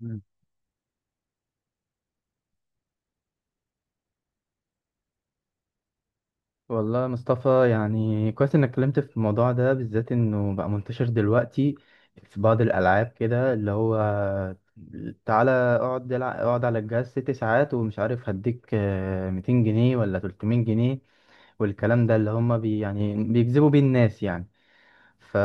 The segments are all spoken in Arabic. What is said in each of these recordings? مم. والله يا مصطفى، يعني كويس انك اتكلمت في الموضوع ده بالذات، انه بقى منتشر دلوقتي في بعض الالعاب كده اللي هو تعالى اقعد العب، اقعد على الجهاز 6 ساعات ومش عارف هديك 200 جنيه ولا 300 جنيه. والكلام ده اللي هم بي يعني بيجذبوا بيه الناس يعني. ف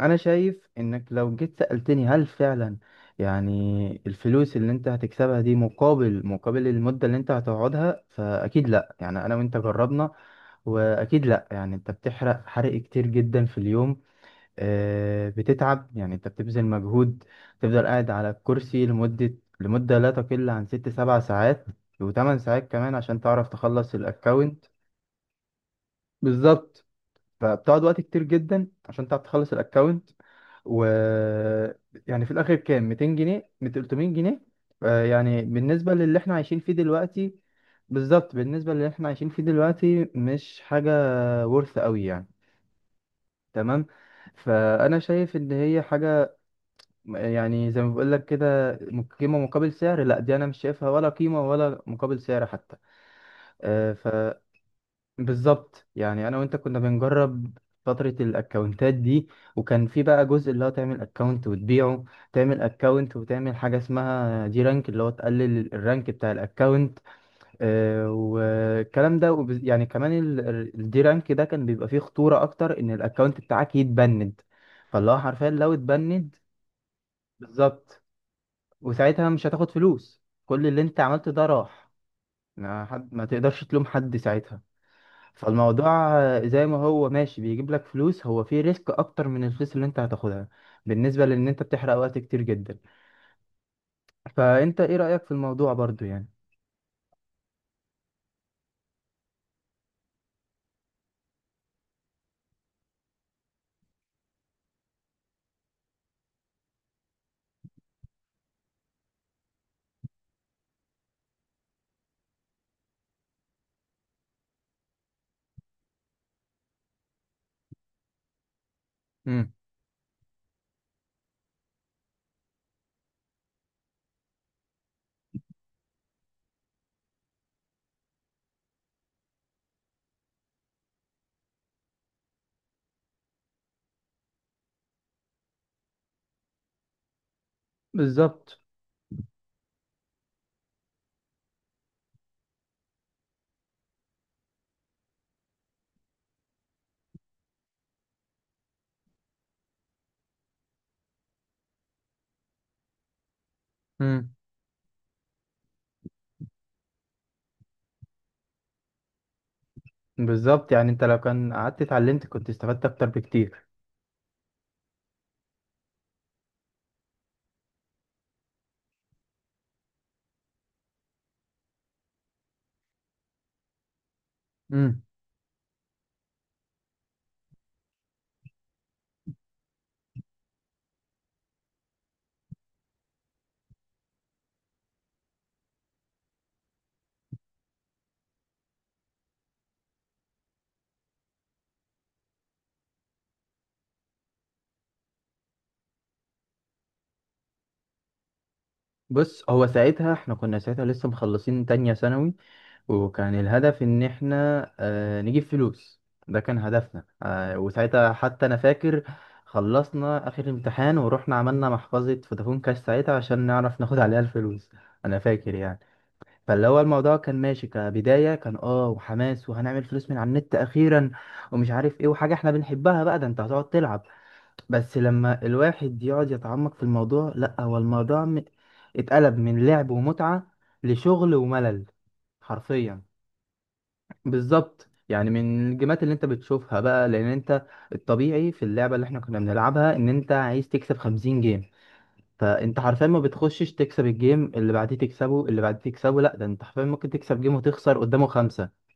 انا شايف انك لو جيت سألتني هل فعلا يعني الفلوس اللي انت هتكسبها دي مقابل المدة اللي انت هتقعدها، فاكيد لا. يعني انا وانت جربنا، واكيد لا. يعني انت بتحرق حرق كتير جدا في اليوم، بتتعب. يعني انت بتبذل مجهود، تفضل قاعد على الكرسي لمدة لا تقل عن ست سبع ساعات وثمان ساعات كمان عشان تعرف تخلص الاكونت. بالظبط. فبتقعد وقت كتير جدا عشان تعرف تخلص الاكونت. و يعني في الاخر كام، 200 جنيه 300 جنيه؟ يعني بالنسبه للي احنا عايشين فيه دلوقتي. بالظبط، بالنسبه للي احنا عايشين فيه دلوقتي مش حاجه ورث قوي يعني. تمام. فانا شايف ان هي حاجه، يعني زي ما بقول لك كده، قيمه مقابل سعر. لا، دي انا مش شايفها ولا قيمه ولا مقابل سعر حتى. آه، ف بالظبط. يعني انا وانت كنا بنجرب فترة الاكونتات دي، وكان في بقى جزء اللي هو تعمل اكونت وتبيعه، تعمل اكونت وتعمل حاجة اسمها دي رانك، اللي هو تقلل الرانك بتاع الاكونت. والكلام ده، يعني كمان الدي رانك ده كان بيبقى فيه خطورة اكتر ان الاكونت بتاعك يتبند. فاللي هو حرفيا لو اتبند، بالظبط، وساعتها مش هتاخد فلوس، كل اللي انت عملته ده راح. ما حد، ما تقدرش تلوم حد ساعتها. فالموضوع زي ما هو ماشي بيجيب لك فلوس، هو فيه ريسك اكتر من الفلوس اللي انت هتاخدها، بالنسبة لان انت بتحرق وقت كتير جدا. فانت ايه رأيك في الموضوع برضو يعني؟ امم بالظبط. امم بالظبط. يعني انت لو كان قعدت اتعلمت كنت استفدت اكتر بكتير. امم بص، هو ساعتها احنا كنا ساعتها لسه مخلصين تانية ثانوي، وكان الهدف ان احنا نجيب فلوس. ده كان هدفنا. وساعتها حتى انا فاكر، خلصنا اخر امتحان ورحنا عملنا محفظة فودافون كاش ساعتها عشان نعرف ناخد عليها الفلوس. انا فاكر يعني. فاللي هو الموضوع كان ماشي كبداية، كان وحماس، وهنعمل فلوس من على النت اخيرا ومش عارف ايه، وحاجة احنا بنحبها بقى، ده انت هتقعد تلعب. بس لما الواحد يقعد يتعمق في الموضوع، لا، هو الموضوع اتقلب من لعب ومتعة لشغل وملل حرفيا. بالظبط. يعني من الجيمات اللي انت بتشوفها بقى، لان انت الطبيعي في اللعبه اللي احنا كنا بنلعبها ان انت عايز تكسب 50 جيم، فانت حرفيا ما بتخشش تكسب الجيم اللي بعديه تكسبه اللي بعديه تكسبه، لا، ده انت حرفيا ممكن تكسب جيم وتخسر قدامه خمسه.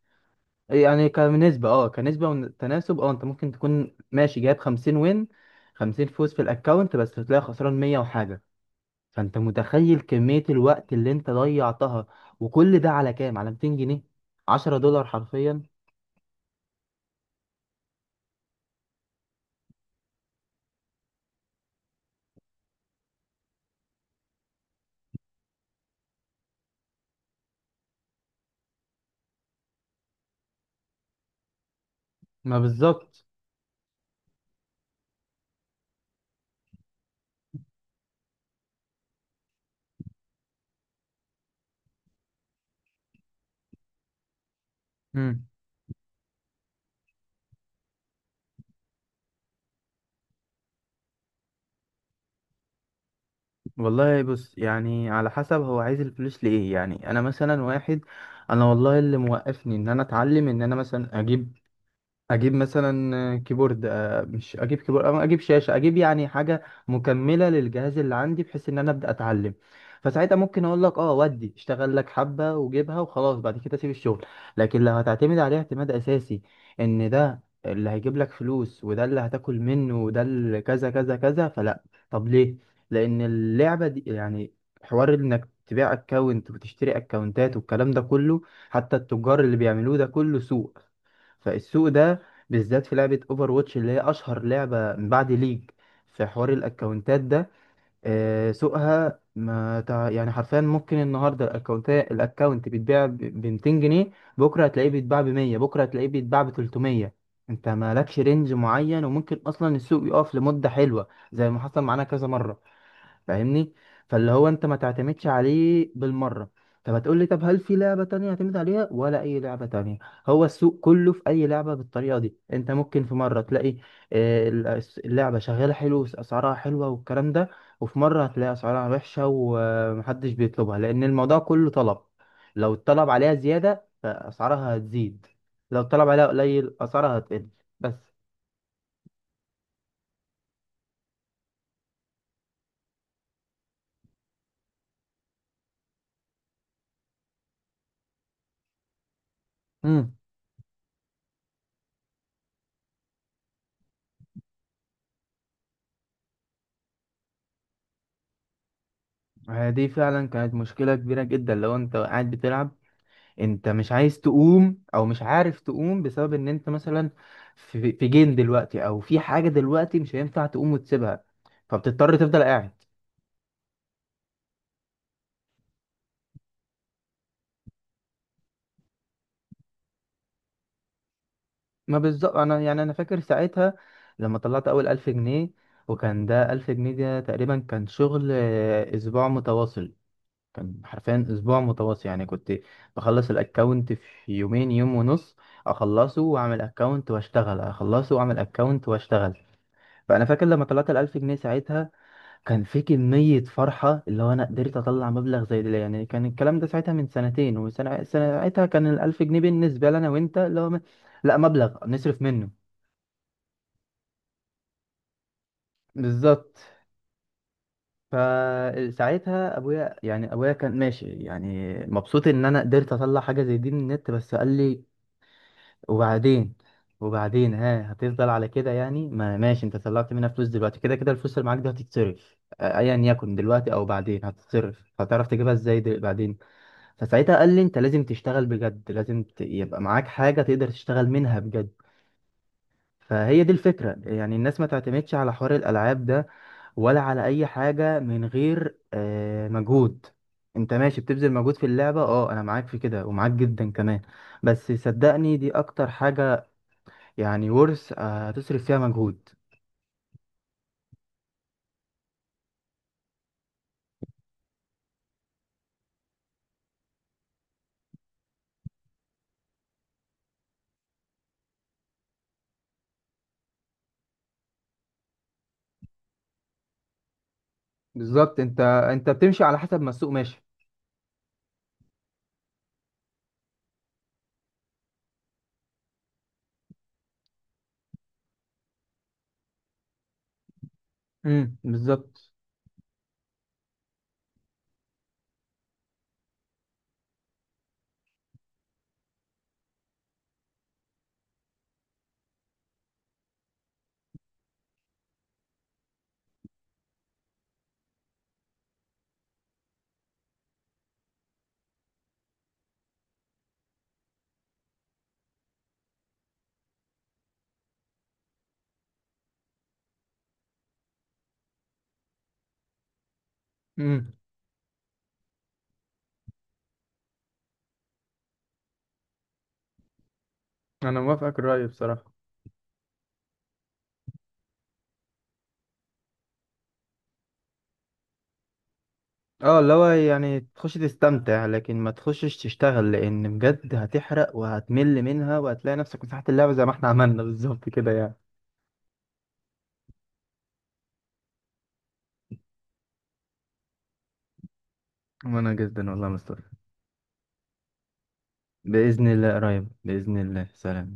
يعني كنسبه وتناسب، انت ممكن تكون ماشي جايب 50 وين 50 فوز في الاكونت بس تلاقي خسران 100 وحاجه. فانت متخيل كميه الوقت اللي انت ضيعتها؟ وكل ده على كام؟ على 200 جنيه، 10 دولار حرفيا. ما بالظبط. مم. والله بص، يعني على حسب هو عايز الفلوس لإيه. يعني أنا مثلا واحد، أنا والله اللي موقفني إن أنا أتعلم، إن أنا مثلا أجيب، مثلا كيبورد، مش اجيب كيبورد أو اجيب شاشه، اجيب يعني حاجه مكمله للجهاز اللي عندي بحيث ان انا ابدا اتعلم. فساعتها ممكن اقول لك ودي، اشتغل لك حبه وجيبها وخلاص، بعد كده سيب الشغل. لكن لو هتعتمد عليه اعتماد اساسي، ان ده اللي هيجيب لك فلوس وده اللي هتاكل منه وده اللي كذا كذا كذا، فلا. طب ليه؟ لان اللعبه دي يعني حوار انك تبيع اكونت وتشتري اكونتات والكلام ده كله، حتى التجار اللي بيعملوه، ده كله سوق. فالسوق ده بالذات، في لعبة اوفر واتش اللي هي اشهر لعبة من بعد ليج في حوار الاكونتات ده، سوقها ما تع... يعني حرفيا ممكن النهارده الاكونت، بيتباع ب 200 جنيه، بكره هتلاقيه بيتباع ب 100، بكره هتلاقيه بيتباع ب 300. انت مالكش رينج معين، وممكن اصلا السوق يقف لمدة حلوة زي ما حصل معانا كذا مرة. فاهمني؟ فاللي هو انت ما تعتمدش عليه بالمره. طب هتقول لي طب هل في لعبه تانية اعتمد عليها ولا اي لعبه تانية؟ هو السوق كله في اي لعبه بالطريقه دي. انت ممكن في مره تلاقي اللعبه شغاله حلو، اسعارها حلوه والكلام ده، وفي مره هتلاقي اسعارها وحشه ومحدش بيطلبها، لان الموضوع كله طلب. لو الطلب عليها زياده فاسعارها هتزيد، لو الطلب عليها قليل اسعارها هتقل. بس. امم دي فعلا كانت مشكله كبيره جدا، لو انت قاعد بتلعب انت مش عايز تقوم او مش عارف تقوم، بسبب ان انت مثلا في جيم دلوقتي او في حاجه دلوقتي مش هينفع تقوم وتسيبها، فبتضطر تفضل قاعد. ما بالظبط. انا، يعني انا فاكر ساعتها لما طلعت اول 1000 جنيه، وكان ده 1000 جنيه ده تقريبا كان شغل اسبوع متواصل. كان حرفيا اسبوع متواصل. يعني كنت بخلص الاكونت في يومين، يوم ونص، اخلصه واعمل اكونت واشتغل، اخلصه واعمل اكونت واشتغل. فانا فاكر لما طلعت الألف جنيه ساعتها، كان في كمية فرحة اللي هو أنا قدرت أطلع مبلغ زي ده يعني. كان الكلام ده ساعتها من سنتين وسنة، ساعتها كان الألف جنيه بالنسبة لنا وأنت اللي هو لا، مبلغ نصرف منه. بالظبط. فساعتها أبويا، يعني أبويا كان ماشي، يعني مبسوط إن أنا قدرت أطلع حاجة زي دي من النت، بس قال لي وبعدين، ها هتفضل على كده يعني. ما ماشي، أنت طلعت منها فلوس دلوقتي، كده كده الفلوس اللي معاك دي هتتصرف أيا يكن، دلوقتي أو بعدين هتتصرف، هتعرف تجيبها إزاي بعدين. فساعتها قال لي انت لازم تشتغل بجد، لازم يبقى معاك حاجة تقدر تشتغل منها بجد. فهي دي الفكرة، يعني الناس ما تعتمدش على حوار الألعاب ده، ولا على أي حاجة من غير مجهود. انت ماشي بتبذل مجهود في اللعبة، انا معاك في كده ومعاك جدا كمان. بس صدقني دي اكتر حاجة يعني ورث هتصرف فيها مجهود. بالظبط. انت بتمشي على حسب ما السوق ماشي. بالظبط. امم انا موافقك الرأي بصراحة. اه، اللي هو يعني تخش تستمتع، لكن ما تخشش تشتغل، لان بجد هتحرق وهتمل منها وهتلاقي نفسك مساحة اللعبة زي ما احنا عملنا بالظبط كده يعني. وانا جدا والله مستر. بإذن الله قريب، بإذن الله. سلام.